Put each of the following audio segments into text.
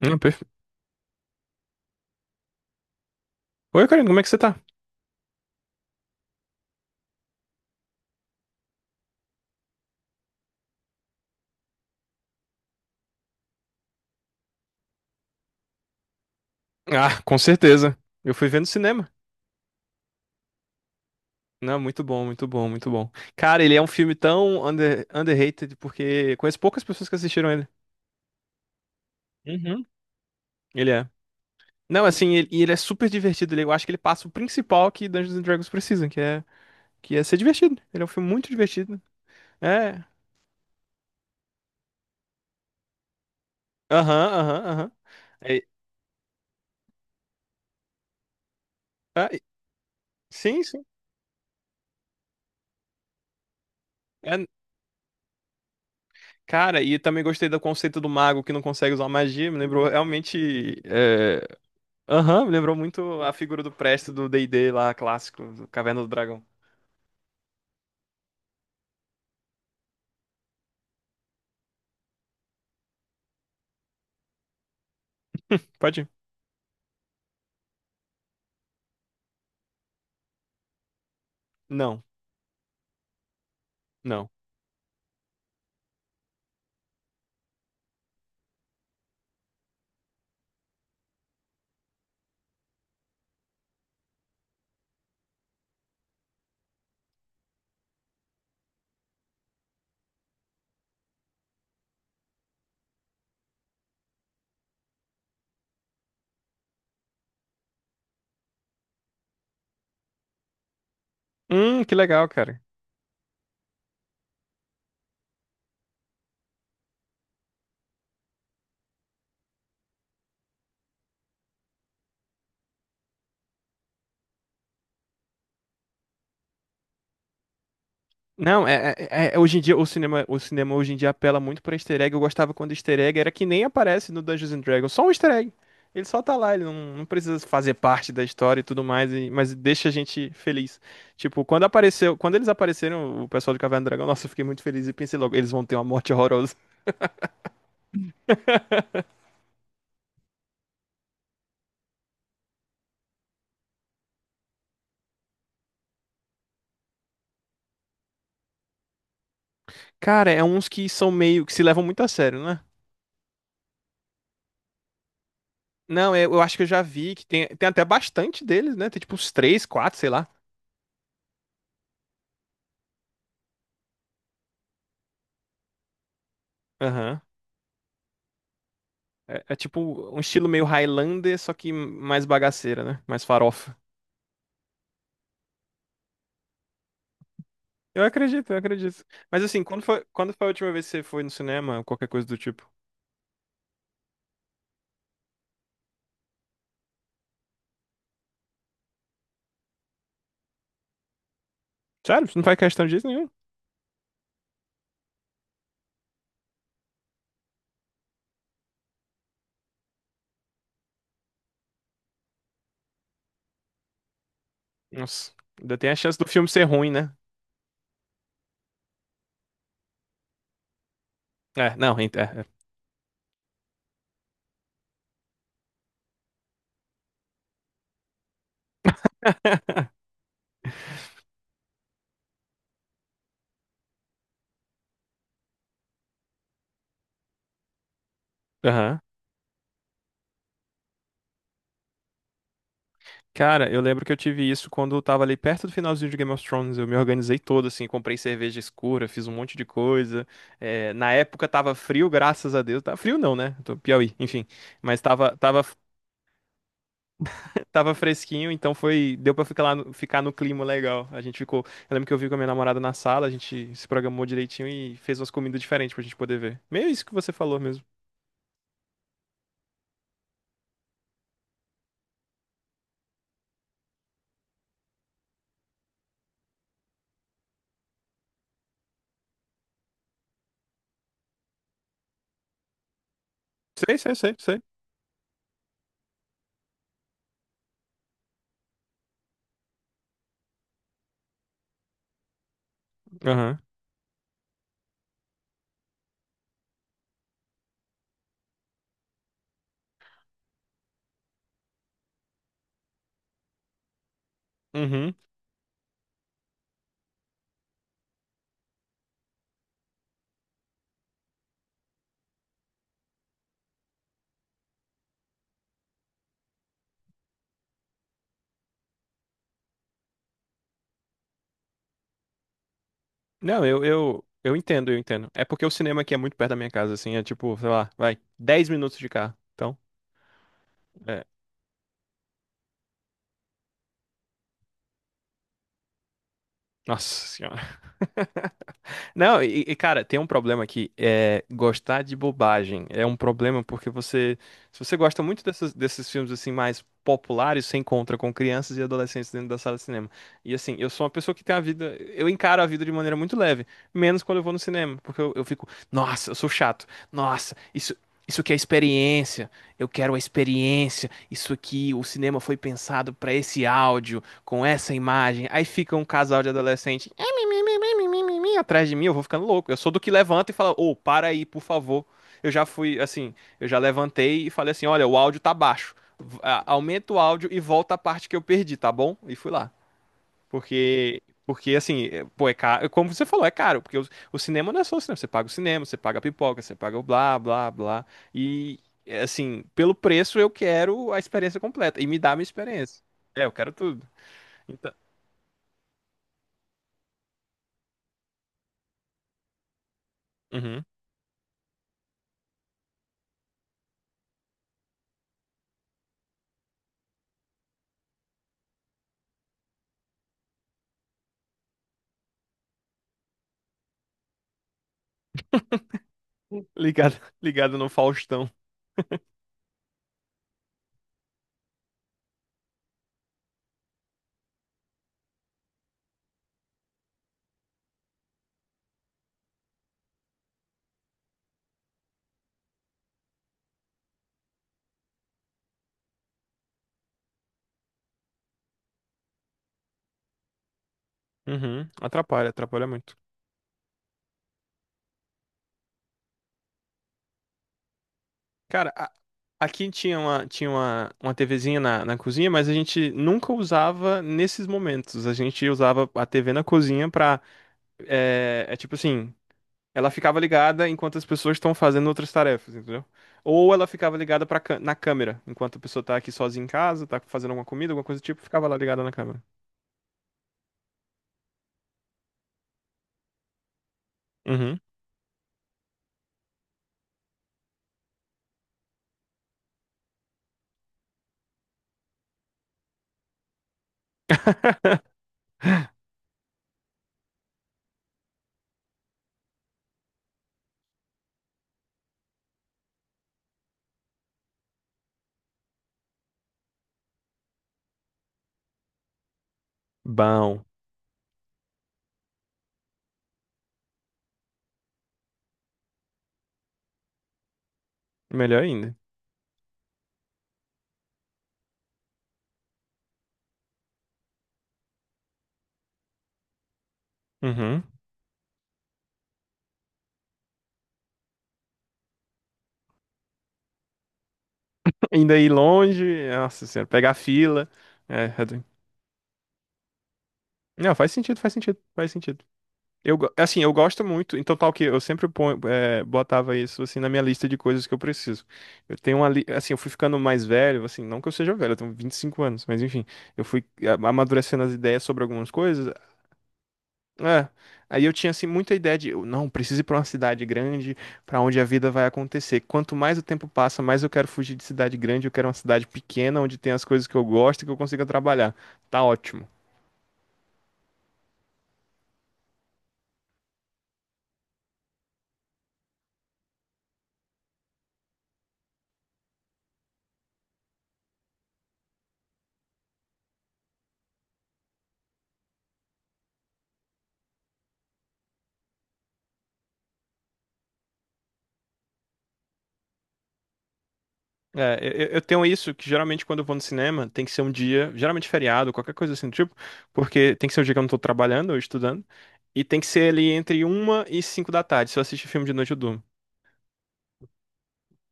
Hum, perfe- Oi, Karina, como é que você tá? Ah, com certeza. Eu fui ver no cinema. Não, muito bom, muito bom, muito bom. Cara, ele é um filme tão underrated porque conheço poucas pessoas que assistiram ele. Uhum. Ele é. Não, assim, ele é super divertido. Eu acho que ele passa o principal que Dungeons and Dragons precisa, que é ser divertido. Ele é um filme muito divertido. É. Aham, aham, aham. É- ah, e- sim, sim. É, cara, e também gostei do conceito do mago que não consegue usar magia. Me lembrou realmente. Aham, me lembrou muito a figura do Presto do D&D lá, clássico, do Caverna do Dragão. Pode ir. Não, não. Que legal, cara. Não, é, hoje em dia o cinema hoje em dia apela muito pra easter egg. Eu gostava quando easter egg era que nem aparece no Dungeons and Dragons, só um easter egg. Ele só tá lá, ele não, não precisa fazer parte da história e tudo mais, mas deixa a gente feliz. Tipo, quando apareceu, quando eles apareceram, o pessoal do Caverna do Dragão, nossa, eu fiquei muito feliz e pensei logo, eles vão ter uma morte horrorosa. Cara, é uns que são meio que se levam muito a sério, né? Não, eu acho que eu já vi que tem, tem até bastante deles, né? Tem tipo uns três, quatro, sei lá. Aham. É, é tipo um estilo meio Highlander, só que mais bagaceira, né? Mais farofa. Eu acredito, eu acredito. Mas assim, quando foi a última vez que você foi no cinema ou qualquer coisa do tipo? Sério? Você não faz questão disso nenhum? Nossa, ainda tem a chance do filme ser ruim, né? É, não, ent- é. É. Aham. Cara, eu lembro que eu tive isso quando eu tava ali perto do finalzinho de Game of Thrones. Eu me organizei todo, assim, comprei cerveja escura, fiz um monte de coisa. É, na época tava frio, graças a Deus. Tá frio não, né? Tô Piauí, enfim. Mas tava, tava, tava fresquinho, então foi, deu pra ficar lá, ficar no clima legal. Eu lembro que eu vi com a minha namorada na sala, a gente se programou direitinho e fez umas comidas diferentes pra gente poder ver. Meio isso que você falou mesmo. Sei, sei, sei, sei. Aham. Uhum. Não, eu entendo, eu entendo. É porque o cinema aqui é muito perto da minha casa, assim, é tipo, sei lá, vai, 10 minutos de carro. Então, é. Nossa senhora. Não, cara, tem um problema aqui, é gostar de bobagem. É um problema porque se você gosta muito desses filmes assim mais populares, você encontra com crianças e adolescentes dentro da sala de cinema. E assim, eu sou uma pessoa que tem a vida, eu encaro a vida de maneira muito leve, menos quando eu vou no cinema, porque eu fico, nossa, eu sou chato. Nossa, isso Isso que é experiência, eu quero a experiência. Isso aqui, o cinema foi pensado pra esse áudio, com essa imagem. Aí fica um casal de adolescente atrás de mim, eu vou ficando louco. Eu sou do que levanta e fala, ô, para aí, por favor. Eu já fui, assim, eu já levantei e falei assim, olha, o áudio tá baixo. Aumenta o áudio e volta a parte que eu perdi, tá bom? E fui lá. Porque assim, pô, é caro, como você falou, é caro, porque o cinema não é só o cinema, você paga o cinema, você paga a pipoca, você paga o blá, blá, blá. E, é, assim, pelo preço eu quero a experiência completa e me dá a minha experiência. É, eu quero tudo. Então, uhum. Ligado, ligado no Faustão. Uhum, atrapalha, atrapalha muito. Cara, a- aqui uma TVzinha na cozinha, mas a gente nunca usava nesses momentos. A gente usava a TV na cozinha pra. É, é tipo assim, ela ficava ligada enquanto as pessoas estão fazendo outras tarefas, entendeu? Ou ela ficava ligada pra, na câmera, enquanto a pessoa tá aqui sozinha em casa, tá fazendo alguma comida, alguma coisa do tipo, ficava lá ligada na câmera. Uhum. Bom, melhor ainda. Uhum. Ainda ir longe, nossa senhora, pegar fila. É, Não, faz sentido, faz sentido, faz sentido. Assim, eu gosto muito, então tal que eu sempre ponho, botava isso assim na minha lista de coisas que eu preciso. Eu tenho uma, li- assim, eu fui ficando mais velho, assim, não que eu seja velho, eu tenho 25 anos, mas enfim, eu fui amadurecendo as ideias sobre algumas coisas. É, aí eu tinha assim muita ideia de, eu, não, preciso ir para uma cidade grande, para onde a vida vai acontecer. Quanto mais o tempo passa, mais eu quero fugir de cidade grande, eu quero uma cidade pequena onde tem as coisas que eu gosto e que eu consiga trabalhar. Tá ótimo. É, eu tenho isso que geralmente quando eu vou no cinema tem que ser um dia, geralmente feriado, qualquer coisa assim do tipo, porque tem que ser o dia que eu não tô trabalhando ou estudando, e tem que ser ali entre uma e cinco da tarde. Se eu assistir filme de noite, eu durmo.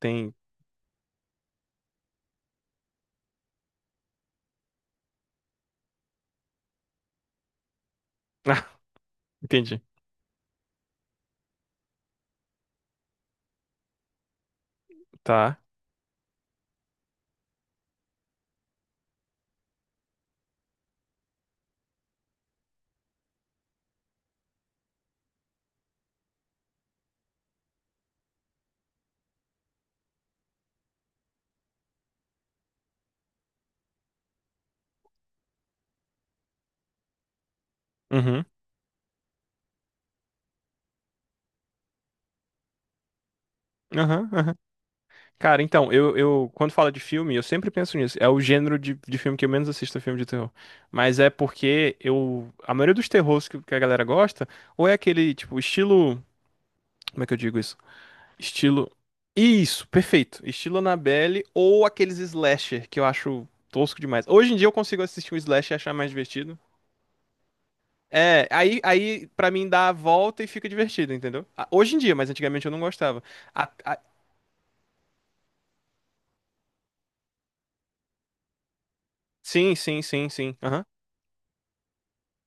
Tem. Ah, entendi. Tá. Uhum. Aham, aham. Cara, então, quando fala de filme, eu sempre penso nisso. É o gênero de filme que eu menos assisto, é filme de terror. Mas é porque eu, a maioria dos terrores que a galera gosta, ou é aquele, tipo, estilo, como é que eu digo isso? Estilo. Isso, perfeito. Estilo Annabelle ou aqueles slasher que eu acho tosco demais. Hoje em dia eu consigo assistir um slasher e achar mais divertido. É, aí para mim dá a volta e fica divertido, entendeu? Ah, hoje em dia, mas antigamente eu não gostava. A- a- sim, sim, sim, sim. Aham.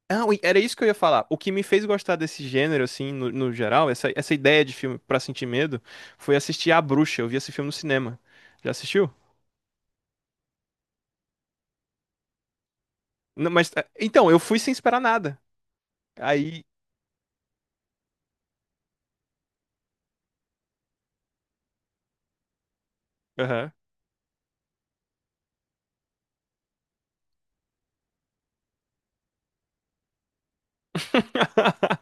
Ah, ui, era isso que eu ia falar. O que me fez gostar desse gênero, assim, no geral, essa ideia de filme pra sentir medo, foi assistir A Bruxa. Eu vi esse filme no cinema. Já assistiu? Não, mas, é, então, eu fui sem esperar nada. Aí. Aham.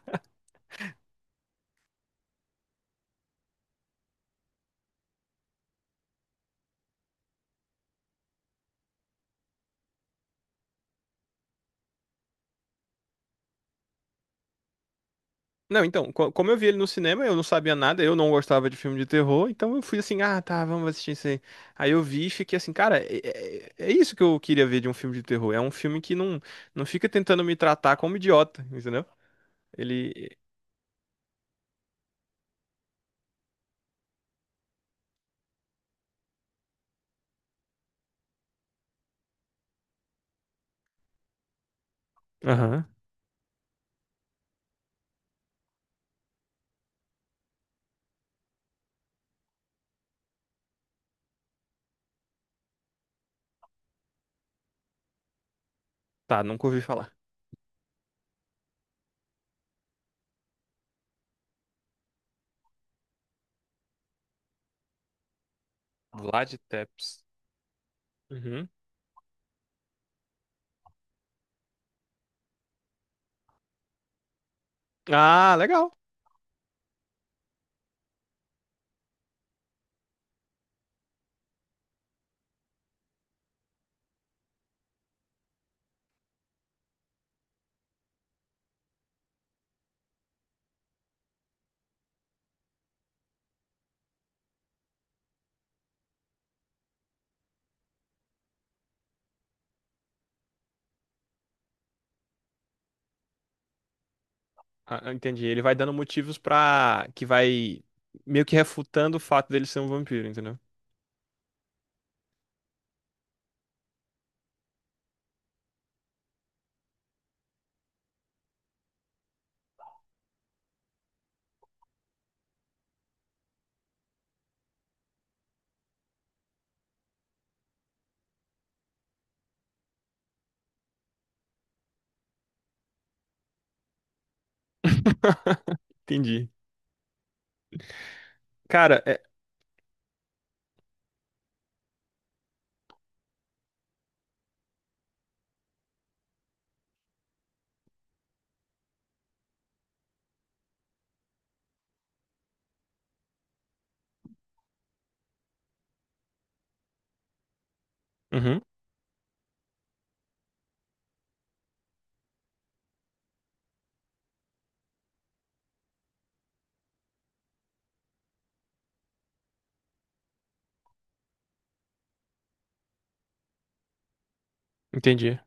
Não, então, como eu vi ele no cinema, eu não sabia nada, eu não gostava de filme de terror, então eu fui assim, ah, tá, vamos assistir isso aí. Aí eu vi e fiquei assim, cara, é isso que eu queria ver de um filme de terror. É um filme que não, não fica tentando me tratar como idiota, entendeu? Ele. Aham. Tá, nunca ouvi falar. Vlad Tepes. Uhum. Ah, legal. Ah, ah, entendi. Ele vai dando motivos pra. Que vai meio que refutando o fato dele ser um vampiro, entendeu? Entendi. Cara, é. Uhum, entendi.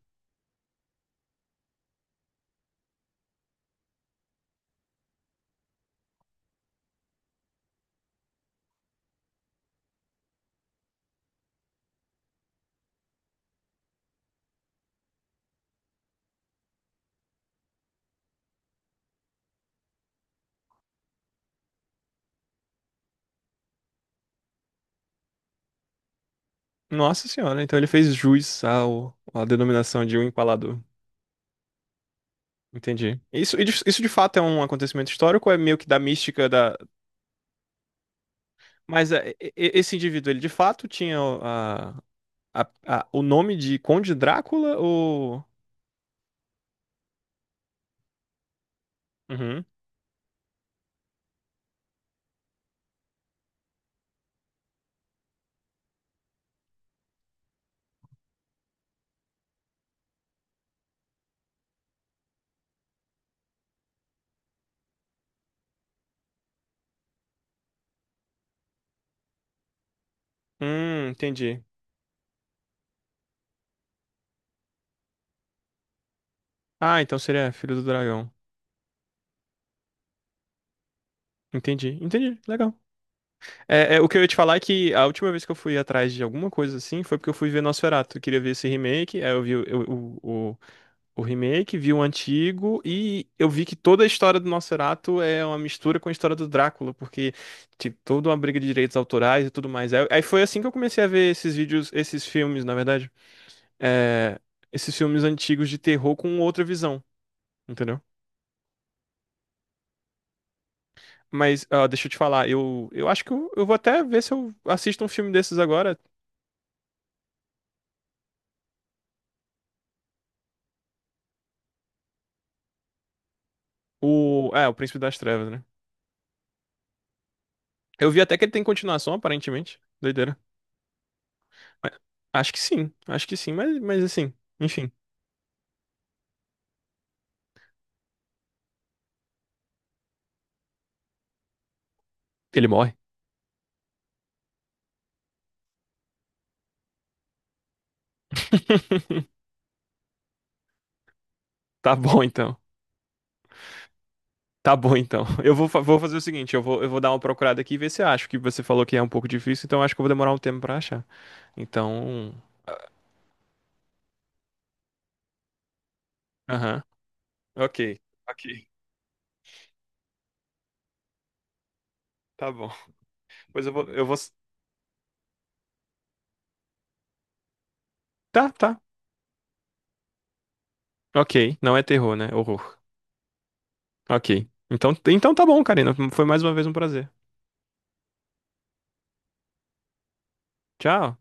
Nossa senhora, então ele fez jus ao, à denominação de um empalador. Entendi. Isso, e isso de fato é um acontecimento histórico ou é meio que da mística da. Mas é, esse indivíduo, ele de fato tinha a- o nome de Conde Drácula ou. Uhum. Entendi. Ah, então seria Filho do Dragão. Entendi, entendi. Legal. É, é, o que eu ia te falar é que a última vez que eu fui atrás de alguma coisa assim foi porque eu fui ver Nosferatu. Eu queria ver esse remake, aí eu vi o remake, vi o antigo e eu vi que toda a história do Nosferatu é uma mistura com a história do Drácula, porque tipo, toda uma briga de direitos autorais e tudo mais. Aí foi assim que eu comecei a ver esses vídeos, esses filmes, na verdade, é, esses filmes antigos de terror com outra visão, entendeu? Mas ah, deixa eu te falar, eu vou até ver se eu assisto um filme desses agora, o Príncipe das Trevas, né? Eu vi até que ele tem continuação, aparentemente. Doideira. Mas acho que sim, acho que sim, mas assim, enfim, ele morre. Tá bom então. Tá bom então. Eu vou, vou fazer o seguinte, eu vou dar uma procurada aqui e ver se eu acho que você falou que é um pouco difícil, então eu acho que eu vou demorar um tempo pra achar. Então, aham. OK. OK. Tá bom. Pois eu vou Tá, tá. OK. Não é terror, né? Horror. OK. Então, então tá bom, Karina. Foi mais uma vez um prazer. Tchau.